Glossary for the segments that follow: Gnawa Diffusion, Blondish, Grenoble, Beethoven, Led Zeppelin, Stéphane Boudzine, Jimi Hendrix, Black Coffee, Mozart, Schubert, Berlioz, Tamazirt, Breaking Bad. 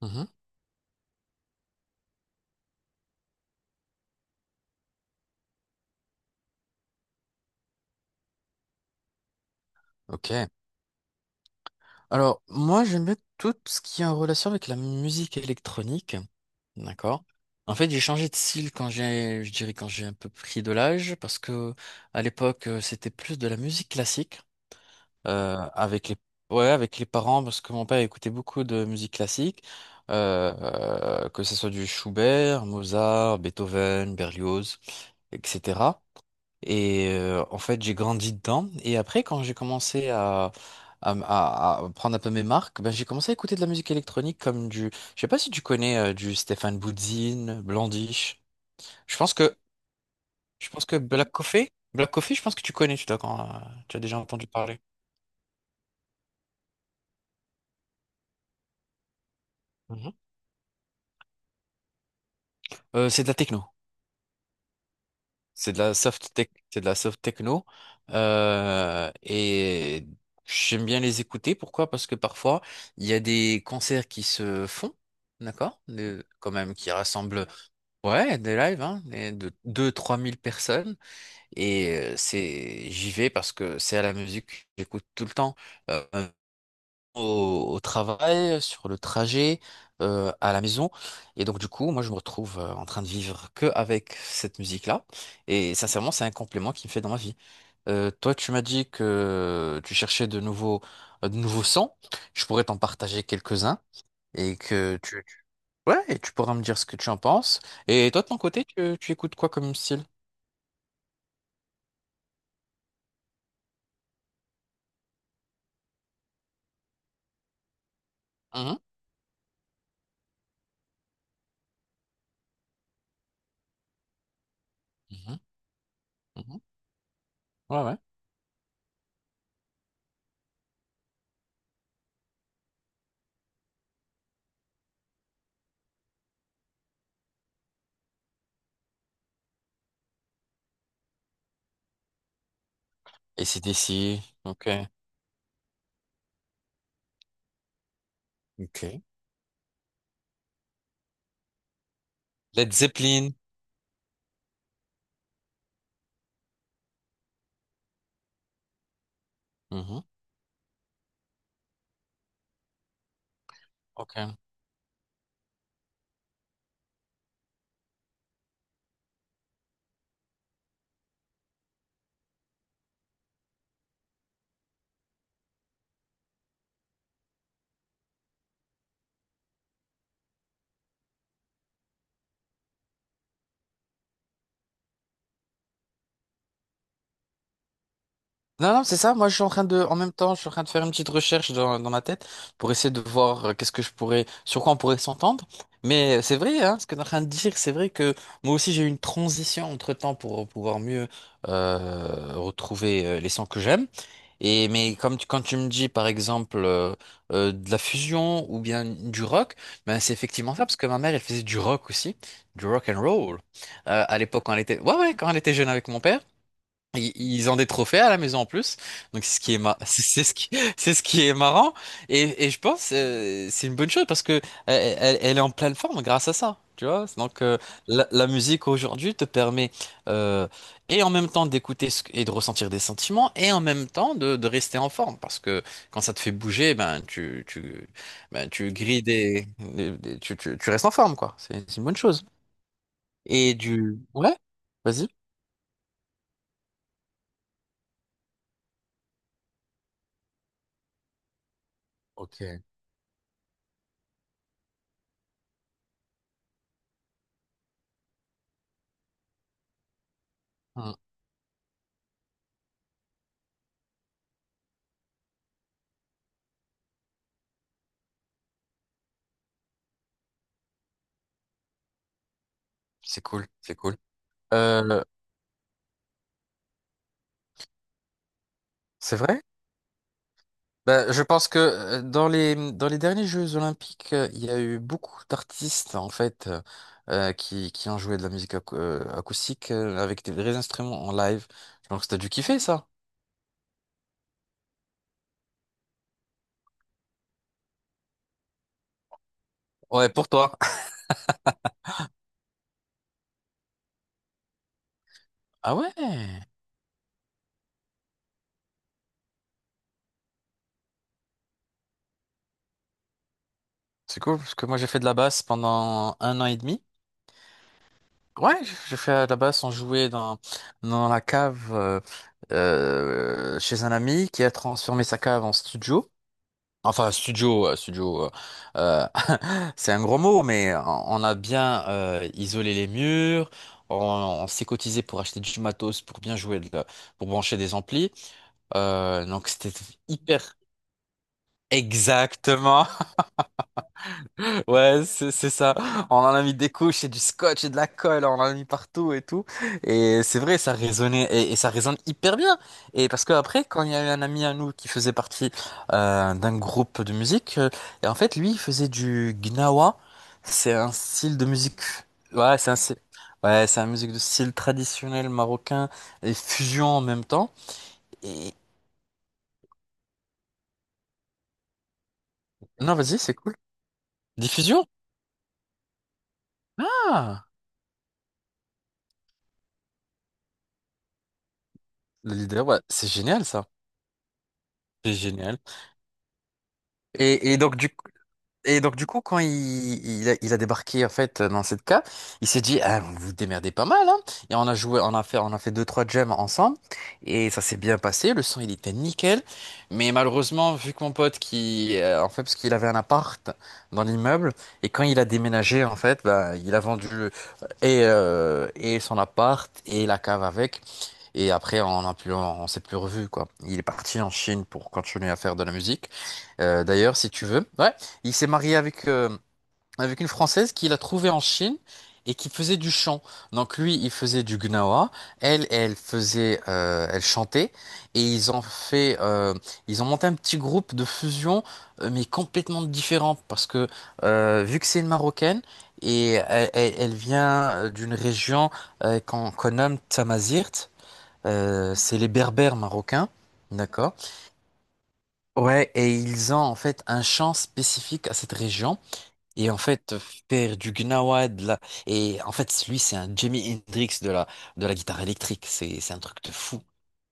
Mhm, ok. Alors, moi, j'aime bien tout ce qui est en relation avec la musique électronique. D'accord. En fait, j'ai changé de style quand j'ai, je dirais, quand j'ai un peu pris de l'âge, parce que à l'époque, c'était plus de la musique classique. Avec les ouais avec les parents parce que mon père écoutait beaucoup de musique classique euh, que ce soit du Schubert, Mozart, Beethoven, Berlioz, etc. Et en fait j'ai grandi dedans et après quand j'ai commencé à à prendre un peu mes marques, ben j'ai commencé à écouter de la musique électronique je sais pas si tu connais du Stéphane Boudzine, Blondish. Je pense que je pense que Black Coffee, Black Coffee, je pense que tu connais, tu as déjà entendu parler. Mhm. C'est de la techno. C'est de la soft techno. Et j'aime bien les écouter. Pourquoi? Parce que parfois, il y a des concerts qui se font, d'accord? Quand même, qui rassemblent, ouais, des lives, hein, de deux trois mille personnes. Et j'y vais parce que c'est à la musique que j'écoute tout le temps. Euh, au travail, sur le trajet, à la maison. Et donc, du coup, moi, je me retrouve en train de vivre que avec cette musique-là. Et sincèrement, c'est un complément qui me fait dans ma vie. Toi, tu m'as dit que tu cherchais de nouveaux sons. Je pourrais t'en partager quelques-uns. Et que tu, tu- ouais, et tu pourras me dire ce que tu en penses. Et toi, de ton côté, tu écoutes quoi comme style? Mhm, mhm, mhm. Ouais, ouais. Et c'est d'ici. Ok. Ok. Led Zeppelin. Mhm, ok. Non, non, c'est ça. Moi, je suis en train de, en même temps, je suis en train de faire une petite recherche dans ma tête pour essayer de voir qu'est-ce que je pourrais, sur quoi on pourrait s'entendre. Mais c'est vrai, hein, ce que tu es en train de dire, c'est vrai que moi aussi, j'ai eu une transition entre-temps pour pouvoir mieux retrouver les sons que j'aime. Et mais comme quand tu me dis par exemple de la fusion ou bien du rock, ben c'est effectivement ça parce que ma mère elle faisait du rock aussi, du rock and roll à l'époque quand elle était ouais, ouais, quand elle était jeune avec mon père. Ils ont des trophées à la maison en plus, donc c'est ce qui est ma- c'est ce qui est marrant et je pense, c'est une bonne chose parce que elle, elle est en pleine forme grâce à ça, tu vois. Donc la musique aujourd'hui te permet euh, et en même temps d'écouter et de ressentir des sentiments et en même temps de rester en forme parce que quand ça te fait bouger, ben tu tu ben tu grilles des, tu restes en forme quoi. C'est une bonne chose. Et du ouais, vas-y. Ok. Hmm. C'est cool, c'est cool. Euh, c'est vrai? Bah, je pense que dans les derniers Jeux Olympiques, il y a eu beaucoup d'artistes en fait, qui ont joué de la musique acoustique avec des vrais instruments en live. Donc t'as dû kiffer ça. Ouais, pour toi. Ah ouais, c'est cool parce que moi j'ai fait de la basse pendant 1 an et demi. Ouais, j'ai fait de la basse, on jouait dans la cave, chez un ami qui a transformé sa cave en studio. Enfin, studio, euh, c'est un gros mot, mais on a bien isolé les murs, on, on s'est cotisé pour acheter du matos, pour bien jouer, pour brancher des amplis. Donc c'était hyper. Exactement. Ouais, c'est ça. On en a mis des couches et du scotch et de la colle, on en a mis partout et tout. Et c'est vrai, ça résonnait et ça résonne hyper bien. Et parce que après, quand il y a eu un ami à nous qui faisait partie d'un groupe de musique, et en fait, lui, il faisait du gnawa. C'est un style de musique. Ouais, c'est un style. Ouais, c'est une musique de style traditionnel marocain et fusion en même temps. Et non, vas-y, c'est cool. Diffusion? Ah, le leader, ouais, c'est génial ça. C'est génial. Et, et donc du Et donc, du coup, quand il a débarqué, en fait, dans cette cave, il s'est dit, ah, vous vous démerdez pas mal, hein. Et on a joué, on a fait deux, trois jams ensemble. Et ça s'est bien passé. Le son, il était nickel. Mais malheureusement, vu que mon pote qui, en fait, parce qu'il avait un appart dans l'immeuble, et quand il a déménagé, en fait, bah, il a vendu et son appart et la cave avec. Et après, on a plus, s'est plus revu, quoi. Il est parti en Chine pour continuer à faire de la musique. D'ailleurs, si tu veux. Ouais, il s'est marié avec une Française qu'il a trouvée en Chine et qui faisait du chant. Donc lui, il faisait du gnawa, elle, elle chantait, et ils ont monté un petit groupe de fusion, mais complètement différent, parce que vu que c'est une Marocaine et elle vient d'une région qu'on nomme Tamazirt, c'est les Berbères marocains, d'accord? Ouais, et ils ont en fait un chant spécifique à cette région. Et en fait, faire du Gnawad, là, et en fait, lui, c'est un Jimi Hendrix de la guitare électrique. C'est un truc de fou.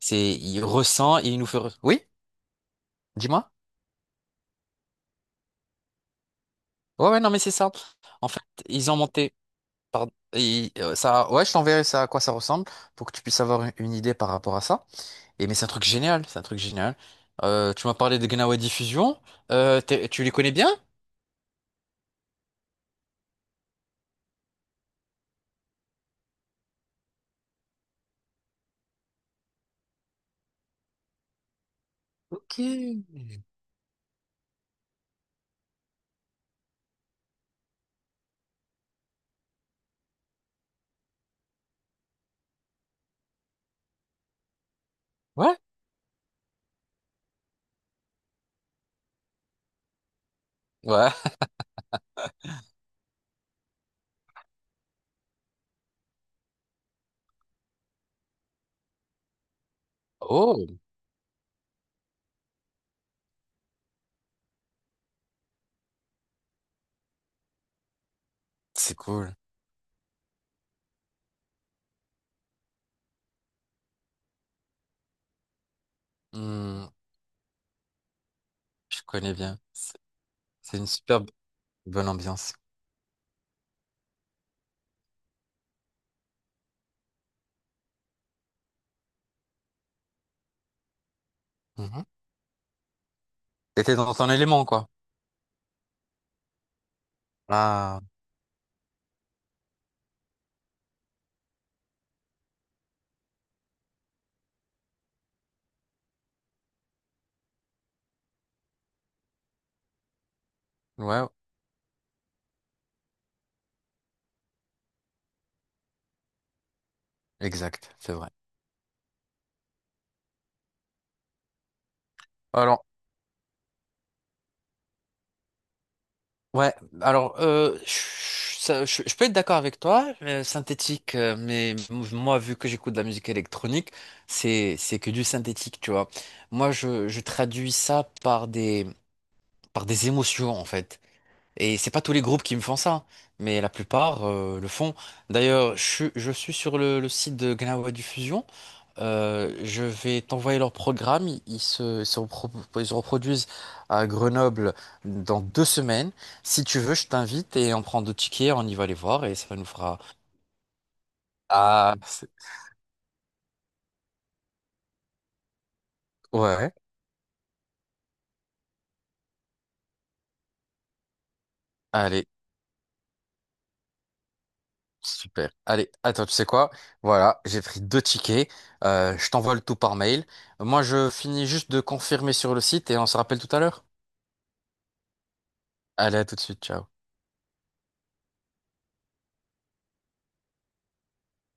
Il ressent, il nous fait. Oui, dis-moi. Ouais, ouais, non, mais c'est ça. En fait, ils ont monté. Pardon. Et, ça, ouais, je t'enverrai ça à quoi ça ressemble pour que tu puisses avoir une idée par rapport à ça. Et mais c'est un truc génial, c'est un truc génial. Tu m'as parlé de Gnawa Diffusion. Tu les connais bien? Ok. Ouais. Ouais. Oh, c'est cool. Hmm, je connais bien. C'est une super bonne ambiance. Mhm. Et dans ton élément, quoi. Ah, ouais, exact, c'est vrai. Alors, ouais, alors, euh, je, ça- je- je peux être d'accord avec toi, synthétique, mais moi, vu que j'écoute de la musique électronique, c'est que du synthétique, tu vois. Moi, je traduis ça par des émotions, en fait. Et c'est pas tous les groupes qui me font ça, mais la plupart, le font. D'ailleurs, je suis sur le site de Gnawa Diffusion. Je vais t'envoyer leur programme. Ils se reproduisent à Grenoble dans 2 semaines. Si tu veux, je t'invite et on prend deux tickets, on y va les voir et ça nous fera. Ah, ouais. Allez, super. Allez, attends, tu sais quoi? Voilà, j'ai pris deux tickets. Je t'envoie le tout par mail. Moi, je finis juste de confirmer sur le site et on se rappelle tout à l'heure. Allez, à tout de suite. Ciao.